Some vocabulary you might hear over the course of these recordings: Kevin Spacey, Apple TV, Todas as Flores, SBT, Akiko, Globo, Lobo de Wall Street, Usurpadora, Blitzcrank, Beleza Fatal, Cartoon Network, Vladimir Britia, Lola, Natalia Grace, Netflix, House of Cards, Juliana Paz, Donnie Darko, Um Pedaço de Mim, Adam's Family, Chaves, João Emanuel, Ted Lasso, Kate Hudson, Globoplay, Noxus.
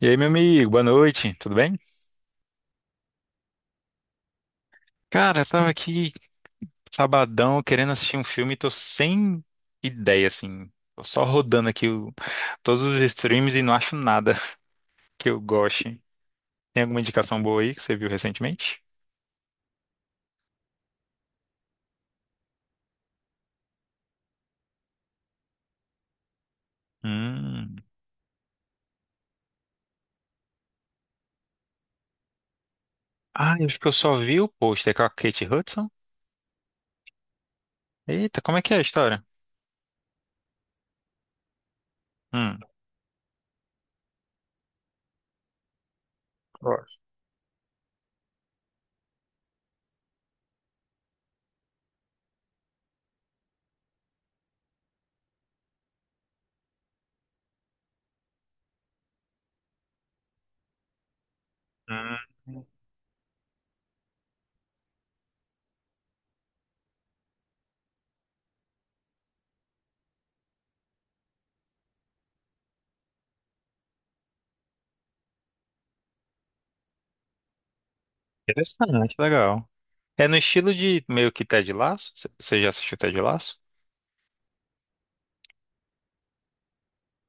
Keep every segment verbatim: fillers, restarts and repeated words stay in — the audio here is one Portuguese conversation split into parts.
E aí, meu amigo, boa noite, tudo bem? Cara, eu tava aqui sabadão querendo assistir um filme e tô sem ideia, assim. Tô só rodando aqui o- todos os streams e não acho nada que eu goste. Tem alguma indicação boa aí que você viu recentemente? Hum. Ah, eu acho que eu só vi o pôster com a Kate Hudson. Eita, como é que é a história? Hum. Gosto. Hum. Interessante, legal. É no estilo de meio que Ted Lasso? Você você já assistiu Ted Lasso?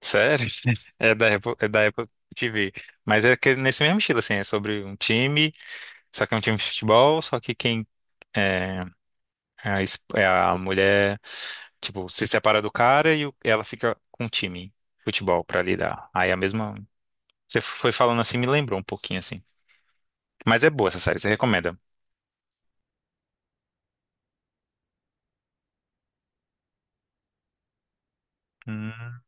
Sério? É da Apple, é da Apple T V. Mas é que nesse mesmo estilo, assim, é sobre um time, só que é um time de futebol, só que quem é é a, es- é a mulher, tipo, se separa do cara e o- ela fica com um time de futebol pra lidar. Aí a mesma. Você foi falando assim, me lembrou um pouquinho, assim. Mas é boa essa série, você recomenda. Hum.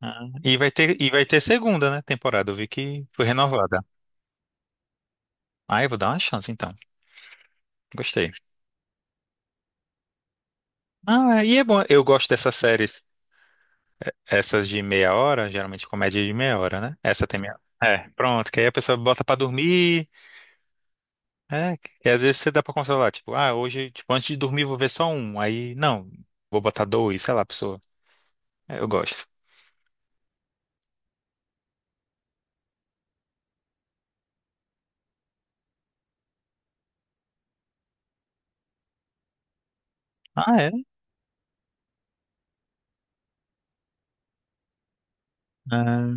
Ah. E vai ter, e vai ter segunda, né, temporada. Eu vi que foi renovada. Ah, eu vou dar uma chance, então. Gostei. Ah, é, e é bom. Eu gosto dessas séries. Essas de meia hora, geralmente comédia de meia hora, né? Essa tem meia. É, pronto, que aí a pessoa bota pra dormir, é, e às vezes você dá pra controlar tipo, ah, hoje, tipo, antes de dormir vou ver só um, aí, não, vou botar dois, sei lá, a pessoa, é, eu gosto. Ah, é? Ah,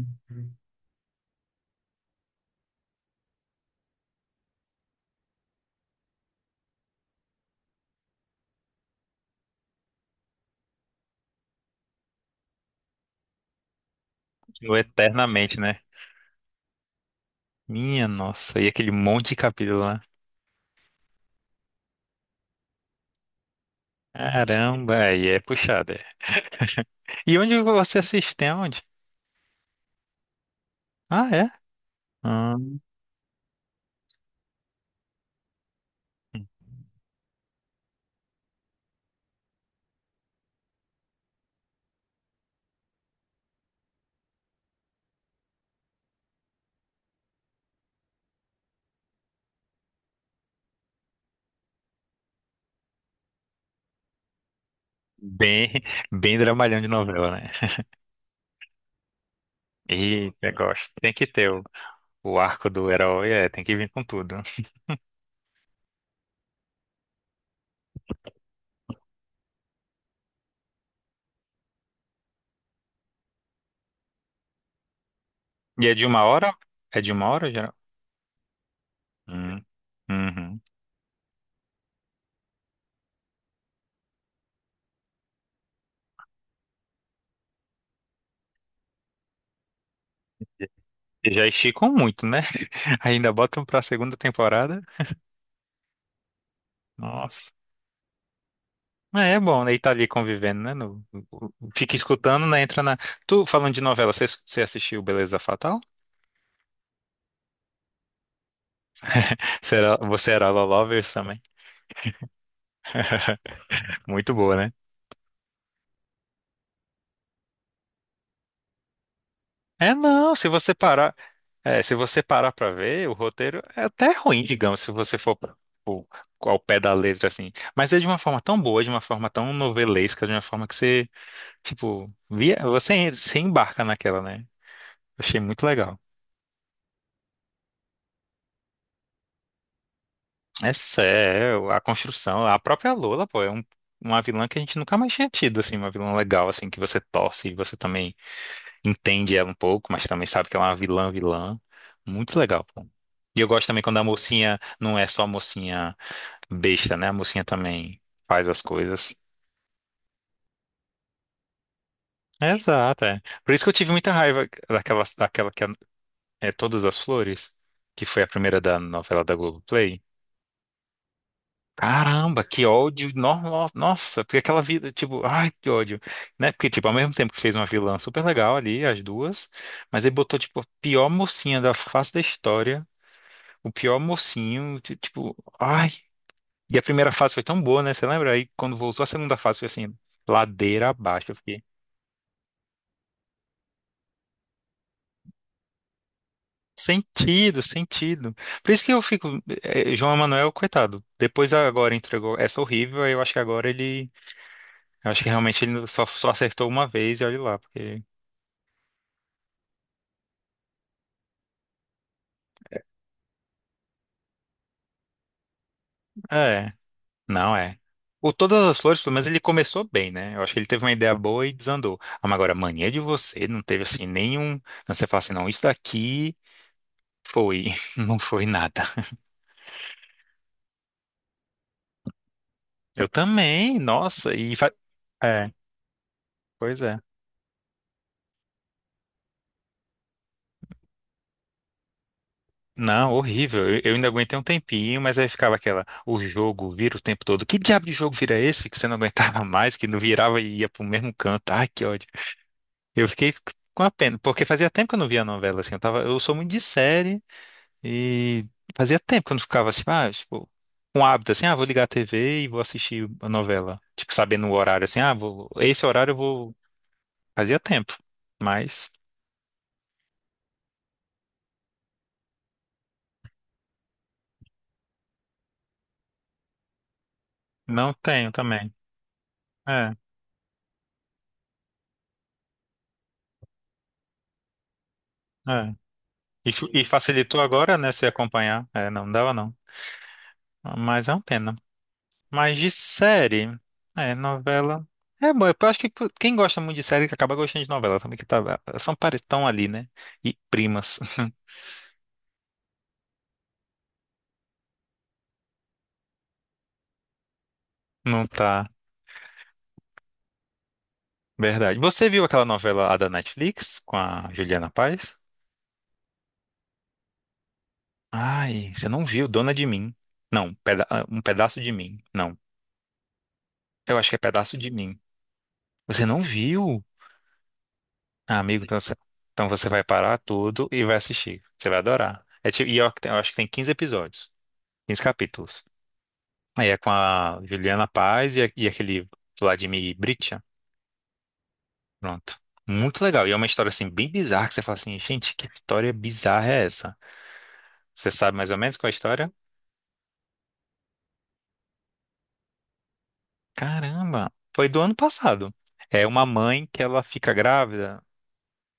eu eternamente, né? Minha nossa, e aquele monte de capítulo lá. Caramba, aí é puxado. É. E onde você assiste? Tem onde? Ah, é? Hum. Bem, bem dramalhão de novela, né? Eita, gosto. Tem que ter. O arco do herói é, tem que vir com tudo. E é de uma hora? É de uma hora, geral? Hum. Uhum. E já esticam muito, né? Ainda botam pra segunda temporada. Nossa. É, é bom, né? E tá ali convivendo, né? No, o- o- fica escutando, né? Entra na. Tu falando de novela, você, você assistiu Beleza Fatal? Você era, você era Lala Lovers também? Muito boa, né? É, não, se você parar. É, se você parar pra ver, o roteiro é até ruim, digamos, se você for pro- ao pé da letra, assim. Mas é de uma forma tão boa, de uma forma tão novelesca, de uma forma que você, tipo, via, você, você embarca naquela, né? Achei muito legal. É sério, a construção, a própria Lola, pô, é um- uma vilã que a gente nunca mais tinha tido, assim, uma vilã legal, assim, que você torce e você também entende ela um pouco, mas também sabe que ela é uma vilã, vilã. Muito legal, pô. E eu gosto também quando a mocinha não é só mocinha besta, né? A mocinha também faz as coisas. É, exato, é. Por isso que eu tive muita raiva daquela, daquela que é, é Todas as Flores, que foi a primeira da novela da Globoplay. Caramba, que ódio! no- no- Nossa, porque aquela vida, tipo, ai, que ódio, né? Porque, tipo, ao mesmo tempo que fez uma vilã super legal ali, as duas, mas ele botou, tipo, a pior mocinha da face da história, o pior mocinho, ti- tipo, ai. E a primeira fase foi tão boa, né? Você lembra? Aí, quando voltou a segunda fase, foi assim, ladeira abaixo. Sentido, sentido. Por isso que eu fico. eh, João Emanuel, coitado. Depois agora entregou essa horrível, aí eu acho que agora ele. Eu acho que realmente ele só, só acertou uma vez e olha lá, porque. É, não é. O Todas as Flores, pelo menos ele começou bem, né? Eu acho que ele teve uma ideia boa e desandou. Ah, mas agora, mania de você, não teve assim nenhum. Não, você fala assim, não, isso daqui foi. Não foi nada. Eu também, nossa, e. fa- É, pois é. Não, horrível. Eu, eu ainda aguentei um tempinho, mas aí ficava aquela, o jogo vira o tempo todo. Que diabo de jogo vira esse que você não aguentava mais, que não virava e ia pro mesmo canto? Ai, que ódio. Eu fiquei com a pena, porque fazia tempo que eu não via novela assim. Eu tava, eu sou muito de série e fazia tempo que eu não ficava assim, ah, tipo, com hábito assim, ah, vou ligar a T V e vou assistir a novela. Tipo, sabendo o horário assim, ah, vou, esse horário eu vou. Fazia tempo, mas não tenho também. É, é. E, fu- e facilitou agora, né, se acompanhar. É, não dava não. Mas é uma pena. Mas de série, é, novela. É bom, eu acho que quem gosta muito de série acaba gostando de novela também, que tá, são pare- tão ali, né? E primas. Não tá. Verdade. Você viu aquela novela lá da Netflix com a Juliana Paz? Ai, você não viu Dona de Mim. Não, peda- ah, Um Pedaço de Mim. Não, eu acho que é Pedaço de Mim. Você não viu? Ah, amigo, então você, então você vai parar tudo e vai assistir. Você vai adorar. É tipo, e eu, ac- eu acho que tem quinze episódios, quinze capítulos. Aí é com a Juliana Paz e, a- e aquele Vladimir Britia. Pronto. Muito legal. E é uma história assim bem bizarra que você fala assim, gente, que história bizarra é essa? Você sabe mais ou menos qual é a história? Caramba, foi do ano passado. É uma mãe que ela fica grávida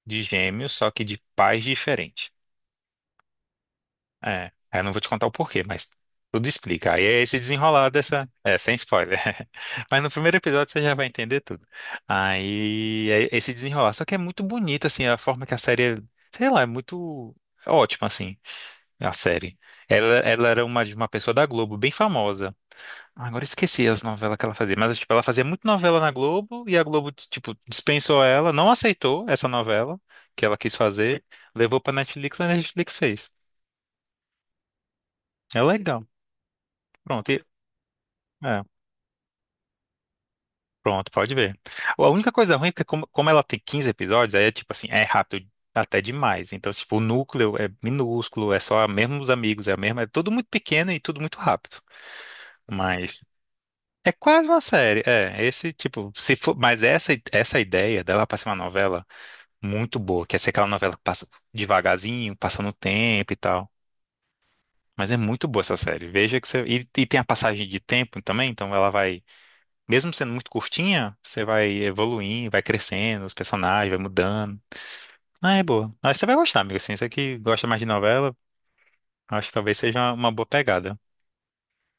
de gêmeos, só que de pais diferentes. É, eu não vou te contar o porquê, mas tudo explica. Aí é esse desenrolar dessa. É, sem spoiler. Mas no primeiro episódio você já vai entender tudo. Aí é esse desenrolar. Só que é muito bonito, assim, a forma que a série. É. Sei lá, é muito ótima, assim, a série. Ela, ela era uma de uma pessoa da Globo, bem famosa. Ah, agora eu esqueci as novelas que ela fazia. Mas, tipo, ela fazia muito novela na Globo e a Globo, tipo, dispensou ela, não aceitou essa novela que ela quis fazer, levou pra Netflix e a Netflix fez. É legal. Pronto. É, pronto, pode ver. A única coisa ruim é que como, como ela tem quinze episódios, aí é tipo assim, é rápido até demais. Então, tipo, o núcleo é minúsculo, é só mesmo os amigos, é a mesma, é tudo muito pequeno e tudo muito rápido. Mas é quase uma série, é, esse tipo, se for, mas essa essa ideia dela para ser uma novela muito boa, que é ser aquela novela que passa devagarzinho, passando o tempo e tal. Mas é muito boa essa série. Veja que você e, e tem a passagem de tempo também, então ela vai mesmo sendo muito curtinha, você vai evoluindo, vai crescendo, os personagens, vai mudando. Ah, é boa. Acho que você vai gostar, amigo. Assim, você que gosta mais de novela, acho que talvez seja uma boa pegada.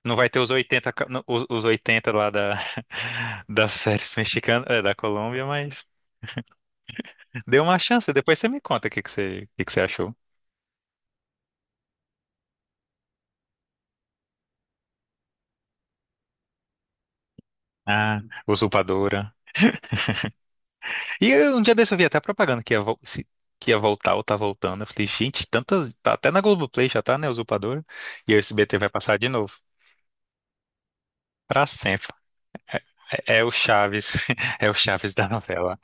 Não vai ter os oitenta ca- no- os os oitenta lá da, das séries mexicanas, é, da Colômbia, mas dê uma chance. Depois você me conta o que que você, o que que você achou. Ah, Usurpadora. E eu, um dia desse eu vi até a propaganda que ia, vol- se- que ia voltar ou tá voltando. Eu falei, gente, tantas. Tá. Até na Globoplay já tá, né? Usurpadora. E o S B T vai passar de novo. Pra sempre. É, é o Chaves. É o Chaves da novela.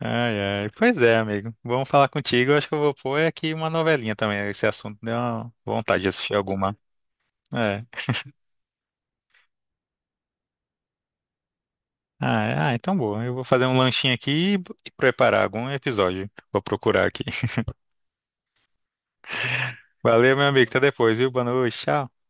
Ai, ai. Pois é, amigo. Vamos falar contigo. Eu acho que eu vou pôr aqui uma novelinha também. Esse assunto deu uma vontade de assistir alguma. É. Ah, é- ah, então boa. Eu vou fazer um lanchinho aqui e e preparar algum episódio. Vou procurar aqui. Valeu, meu amigo. Até depois, viu? Boa noite. Tchau.